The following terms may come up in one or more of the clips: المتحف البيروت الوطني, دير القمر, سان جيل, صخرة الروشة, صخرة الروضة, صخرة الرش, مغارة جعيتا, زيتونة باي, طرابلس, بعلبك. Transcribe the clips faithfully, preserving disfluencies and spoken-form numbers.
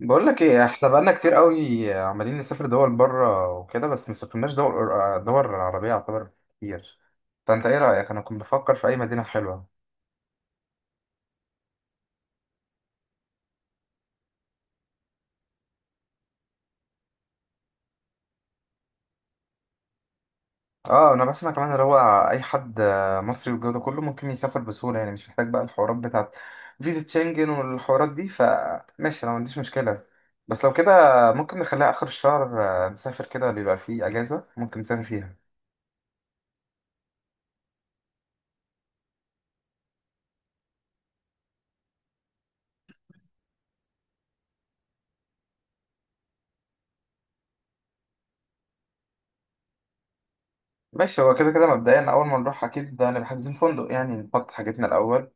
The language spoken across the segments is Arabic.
بقول لك ايه، احنا بقالنا كتير قوي عمالين نسافر دول بره وكده، بس ما سافرناش دول. دول عربية يعتبر كتير. فانت ايه رأيك؟ انا كنت بفكر في اي مدينة حلوة. اه، انا بسمع كمان اللي هو اي حد مصري والجو ده كله ممكن يسافر بسهولة. يعني مش محتاج بقى الحوارات بتاعت فيزا شنجن والحوارات دي، فماشي انا ما عنديش مشكلة. بس لو كده ممكن نخليها اخر الشهر. آه، نسافر كده بيبقى فيه اجازة ممكن نسافر فيها. ماشي، هو كده كده مبدئيا اول ما نروح اكيد هنبقى حاجزين فندق، يعني نحط حاجتنا الاول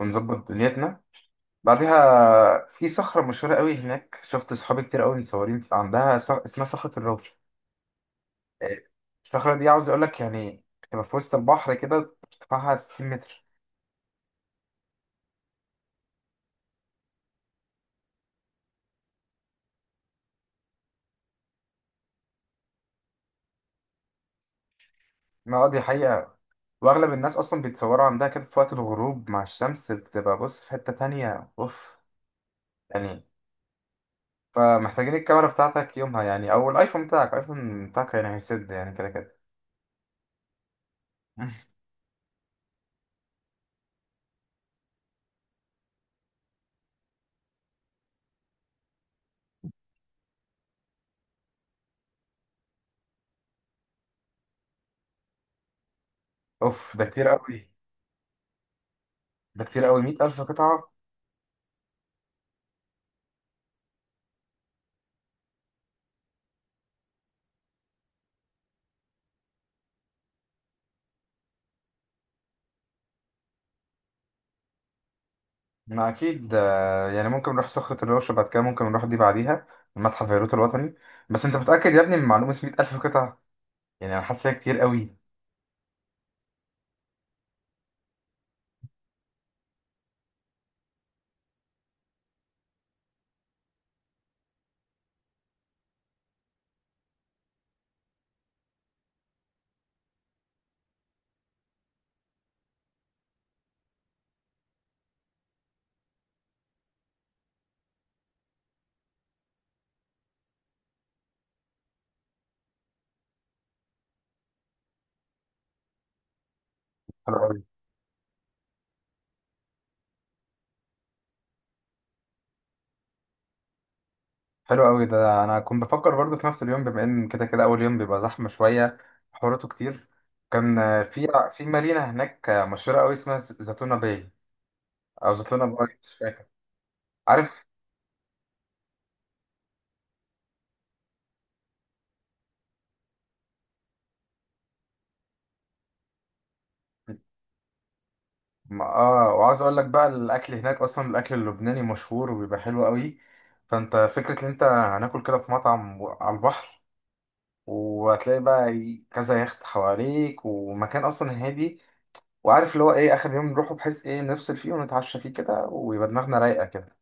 ونظبط دنيتنا بعدها. في صخرة مشهورة قوي هناك، شفت صحابي كتير قوي متصورين عندها، صخ... اسمها صخرة الروضة. إيه، الصخرة دي عاوز اقول لك يعني تبقى في وسط البحر كده، ارتفاعها 60 متر. ما اه، دي حقيقة. واغلب الناس اصلا بيتصوروا عندها كده في وقت الغروب مع الشمس، بتبقى بص، في حتة تانية، اوف يعني. فمحتاجين الكاميرا بتاعتك يومها يعني، او الايفون بتاعك، الايفون بتاعك يعني هيسد يعني كده كده. اوف، ده كتير قوي. ده كتير قوي، 100000 قطعة. ما اكيد آه، يعني ممكن نروح صخرة الرش بعد كده، ممكن نروح دي بعديها، المتحف البيروت الوطني. بس انت متأكد يا ابني من معلومة 100 ألف قطعة؟ يعني انا حاسس إن هي كتير قوي. حلو قوي. حلو قوي، ده انا كنت بفكر برضه في نفس اليوم، بما ان كده كده اول يوم بيبقى زحمة شوية، حوراته كتير. كان آه، في في مدينة هناك آه، مشهورة قوي اسمها ز- زيتونة باي، او زيتونة باي، مش فاكر. عارف. ما اه، وعاوز اقول لك بقى، الاكل هناك اصلا، الاكل اللبناني مشهور وبيبقى حلو قوي. فانت فكره ان انت هناكل كده في مطعم و- على البحر، وهتلاقي بقى، ي- كذا يخت حواليك، ومكان اصلا هادي. وعارف اللي هو ايه؟ اخر يوم نروحه بحيث ايه، نفصل فيه ونتعشى فيه كده، ويبقى دماغنا رايقه كده.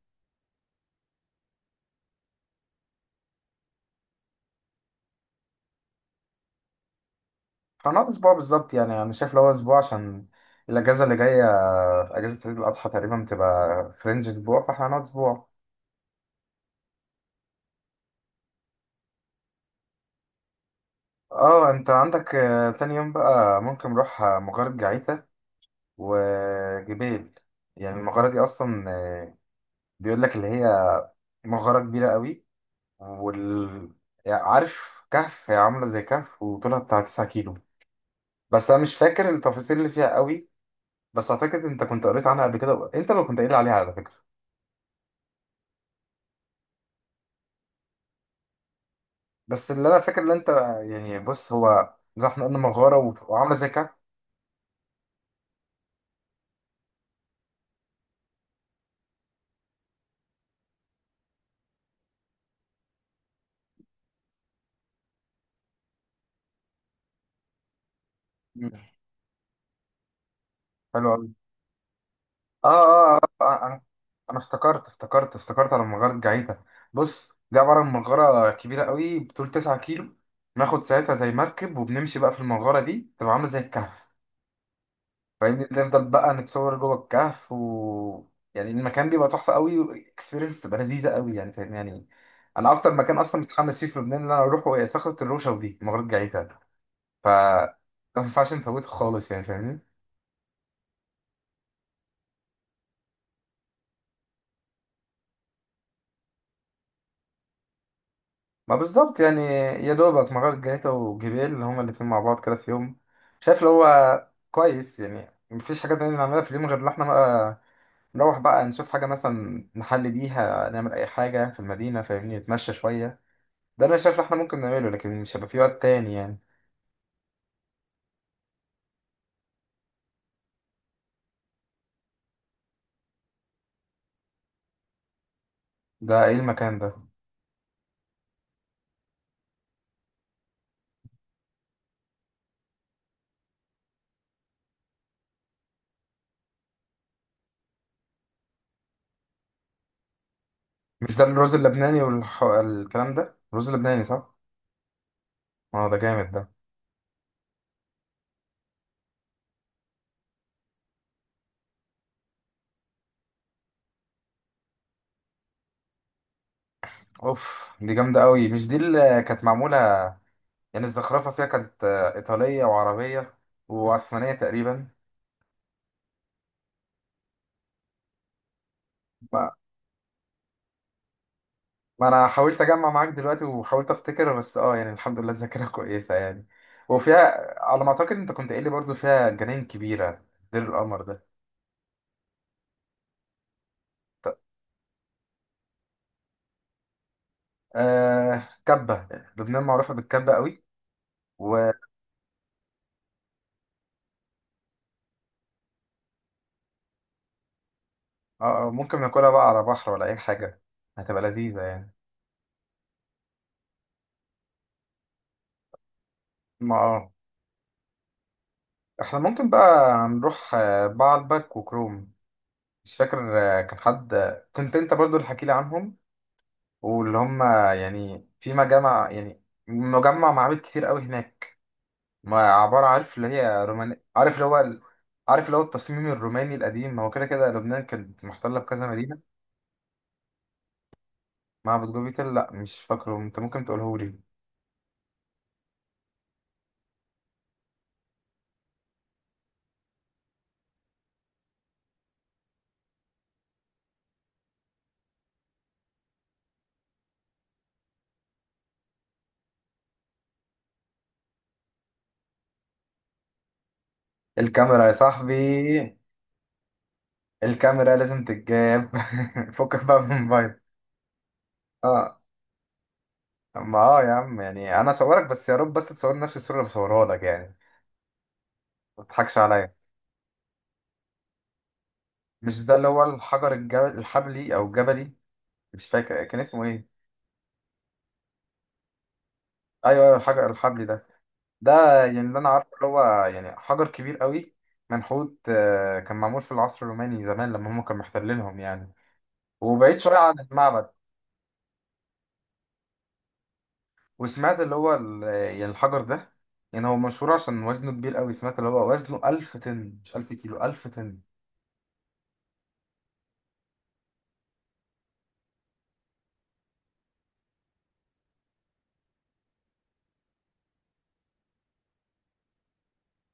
هنقعد اسبوع بالظبط، يعني انا شايف اللي هو اسبوع، عشان الاجازه اللي جايه اجازه عيد الاضحى تقريبا بتبقى فرنج اسبوع، فاحنا هنقعد اسبوع. اه، انت عندك آه، تاني يوم بقى ممكن نروح آه، مغارة جعيتا وجبال. يعني المغارة دي أصلا آه، بيقول لك اللي هي مغارة كبيرة قوي، وال يعني عارف، كهف، هي عاملة زي كهف وطولها بتاع 9 كيلو. بس أنا مش فاكر التفاصيل اللي فيها قوي. بس أعتقد أنت كنت قريت عنها قبل كده، أنت لو كنت قايل عليها على فكرة. بس اللي أنا فاكر اللي أنت، يعني بص، هو زي ما احنا قلنا، مغارة و- وعاملة زي كهف. مم. حلو قوي. اه، اه، اه، آه، انا انا افتكرت افتكرت افتكرت على مغارة جعيتا. بص، دي عبارة عن مغارة كبيرة قوي بطول 9 كيلو، بناخد ساعتها زي مركب وبنمشي بقى في المغارة دي، تبقى عاملة زي الكهف. فاهمني؟ نفضل بقى نتصور جوه الكهف و يعني المكان بيبقى تحفة قوي، والاكسبيرينس تبقى لذيذة قوي يعني، فاهمني يعني. انا اكتر مكان اصلا متحمس فيه في لبنان ان انا اروحه، هي صخرة الروشة، ودي مغارة جعيتا. ف ما ينفعش نفوته خالص يعني، فاهمني. ما بالظبط يعني. يا دوبك مغارة جنيتا وجبال هما الاتنين مع بعض كده في يوم. شايف اللي هو كويس يعني، مفيش حاجة تانية نعملها في اليوم غير إن احنا بقى نروح بقى نشوف حاجة، مثلا نحل بيها، نعمل أي حاجة في المدينة، فاهمني؟ نتمشى شوية، ده أنا شايف اللي احنا ممكن نعمله، لكن مش هيبقى في وقت تاني يعني. ده إيه المكان ده؟ مش ده الرز اللبناني والكلام ده؟ الرز اللبناني، صح؟ اه، ده جامد ده. أوف، دي جامدة أوي. مش دي اللي كانت معمولة يعني الزخرفة فيها كانت آه، إيطالية وعربية وعثمانية تقريبا؟ ما, ما أنا حاولت أجمع معاك دلوقتي وحاولت أفتكر، بس أه يعني الحمد لله الذاكرة كويسة يعني. وفيها على ما أعتقد، أنت كنت قايل لي برضو، فيها جناين كبيرة، دير القمر ده. ط- آه كبة. لبنان معروفة بالكبة قوي، و آه آه، ممكن ناكلها بقى على بحر ولا أي حاجة، هتبقى لذيذة يعني. ما اه. احنا ممكن بقى نروح آه، بعلبك وكروم. مش فاكر، آه، كان حد، آه، كنت انت برضو اللي حكي لي عنهم، واللي هم يعني في مجامع يعني، مجمع معابد كتير قوي هناك. ما عبارة، عارف اللي هي روماني، عارف اللي هو ال... عارف اللي هو التصميم الروماني القديم، ما هو كده كده لبنان كانت محتلة بكذا مدينة. معبد جوبي تل، لا مش فاكره، انت ممكن تقوله لي. الكاميرا يا صاحبي، الكاميرا لازم تتجاب. فكك بقى من الموبايل. اه. ما اه يا عم، يعني انا اصورك، بس يا رب بس تصور نفس الصورة اللي بصورها لك يعني. ما تضحكش عليا. مش ده اللي هو الحجر الجبل الحبلي او الجبلي؟ مش فاكر كان اسمه ايه. ايوه، ايوه، الحجر الحبلي ده. ده يعني اللي انا عارفه اللي هو يعني حجر كبير قوي، منحوت، آه، كان معمول في العصر الروماني زمان لما هم كانوا محتلينهم يعني، وبعيد شويه عن المعبد. وسمعت اللي هو ال- يعني الحجر ده، يعني هو مشهور عشان وزنه كبير قوي، سمعت اللي هو وزنه 1000 طن، مش 1000 كيلو، 1000 طن.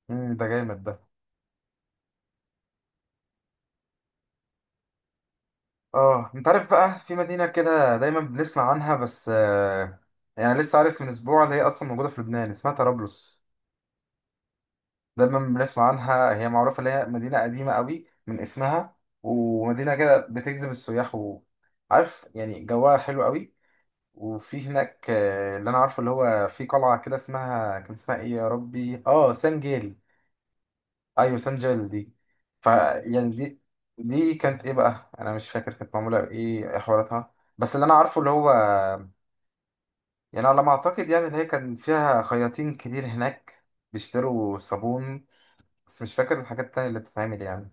امم ده جامد ده. اه، انت عارف بقى في مدينه كده دايما بنسمع عنها بس آه، يعني لسه عارف من اسبوع اللي هي اصلا موجوده في لبنان، اسمها طرابلس. دايما بنسمع عنها، هي معروفة اللي هي مدينة قديمة قوي من اسمها، ومدينة كده بتجذب السياح. وعارف يعني جواها حلو قوي. وفي هناك آه، اللي انا عارفه اللي هو في قلعة كده اسمها، كان اسمها ايه يا ربي؟ اه، سان جيل. ايوه، سان جيل دي. ف يعني دي، دي كانت ايه بقى؟ انا مش فاكر كانت معمولة بايه، إيه حواراتها. بس اللي انا عارفه اللي هو يعني، على ما اعتقد يعني، اللي هي كان فيها خياطين كتير هناك بيشتروا صابون، بس مش فاكر الحاجات التانية اللي بتتعمل يعني.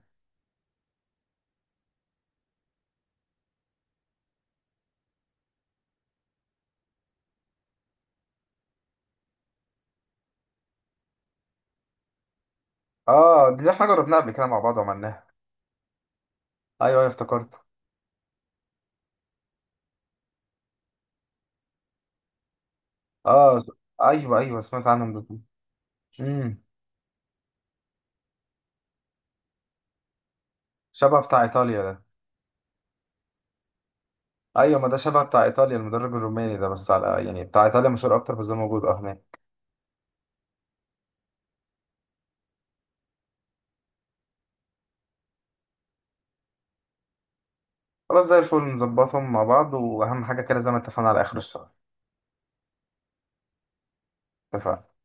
اه، دي احنا جربناها قبل كده مع بعض وعملناها. ايوه، ايوه، افتكرت. اه، س- ايوه، ايوه، سمعت عنهم دول. امم. شبه بتاع ايطاليا ده. ايوه، ما ده شبه بتاع ايطاليا المدرب الروماني ده، بس على يعني بتاع ايطاليا مشهور اكتر، بس ده موجود اه هناك. خلاص، زي الفل، نظبطهم مع بعض، واهم حاجه كده زي ما اتفقنا على اخر الشهر. اتفقنا.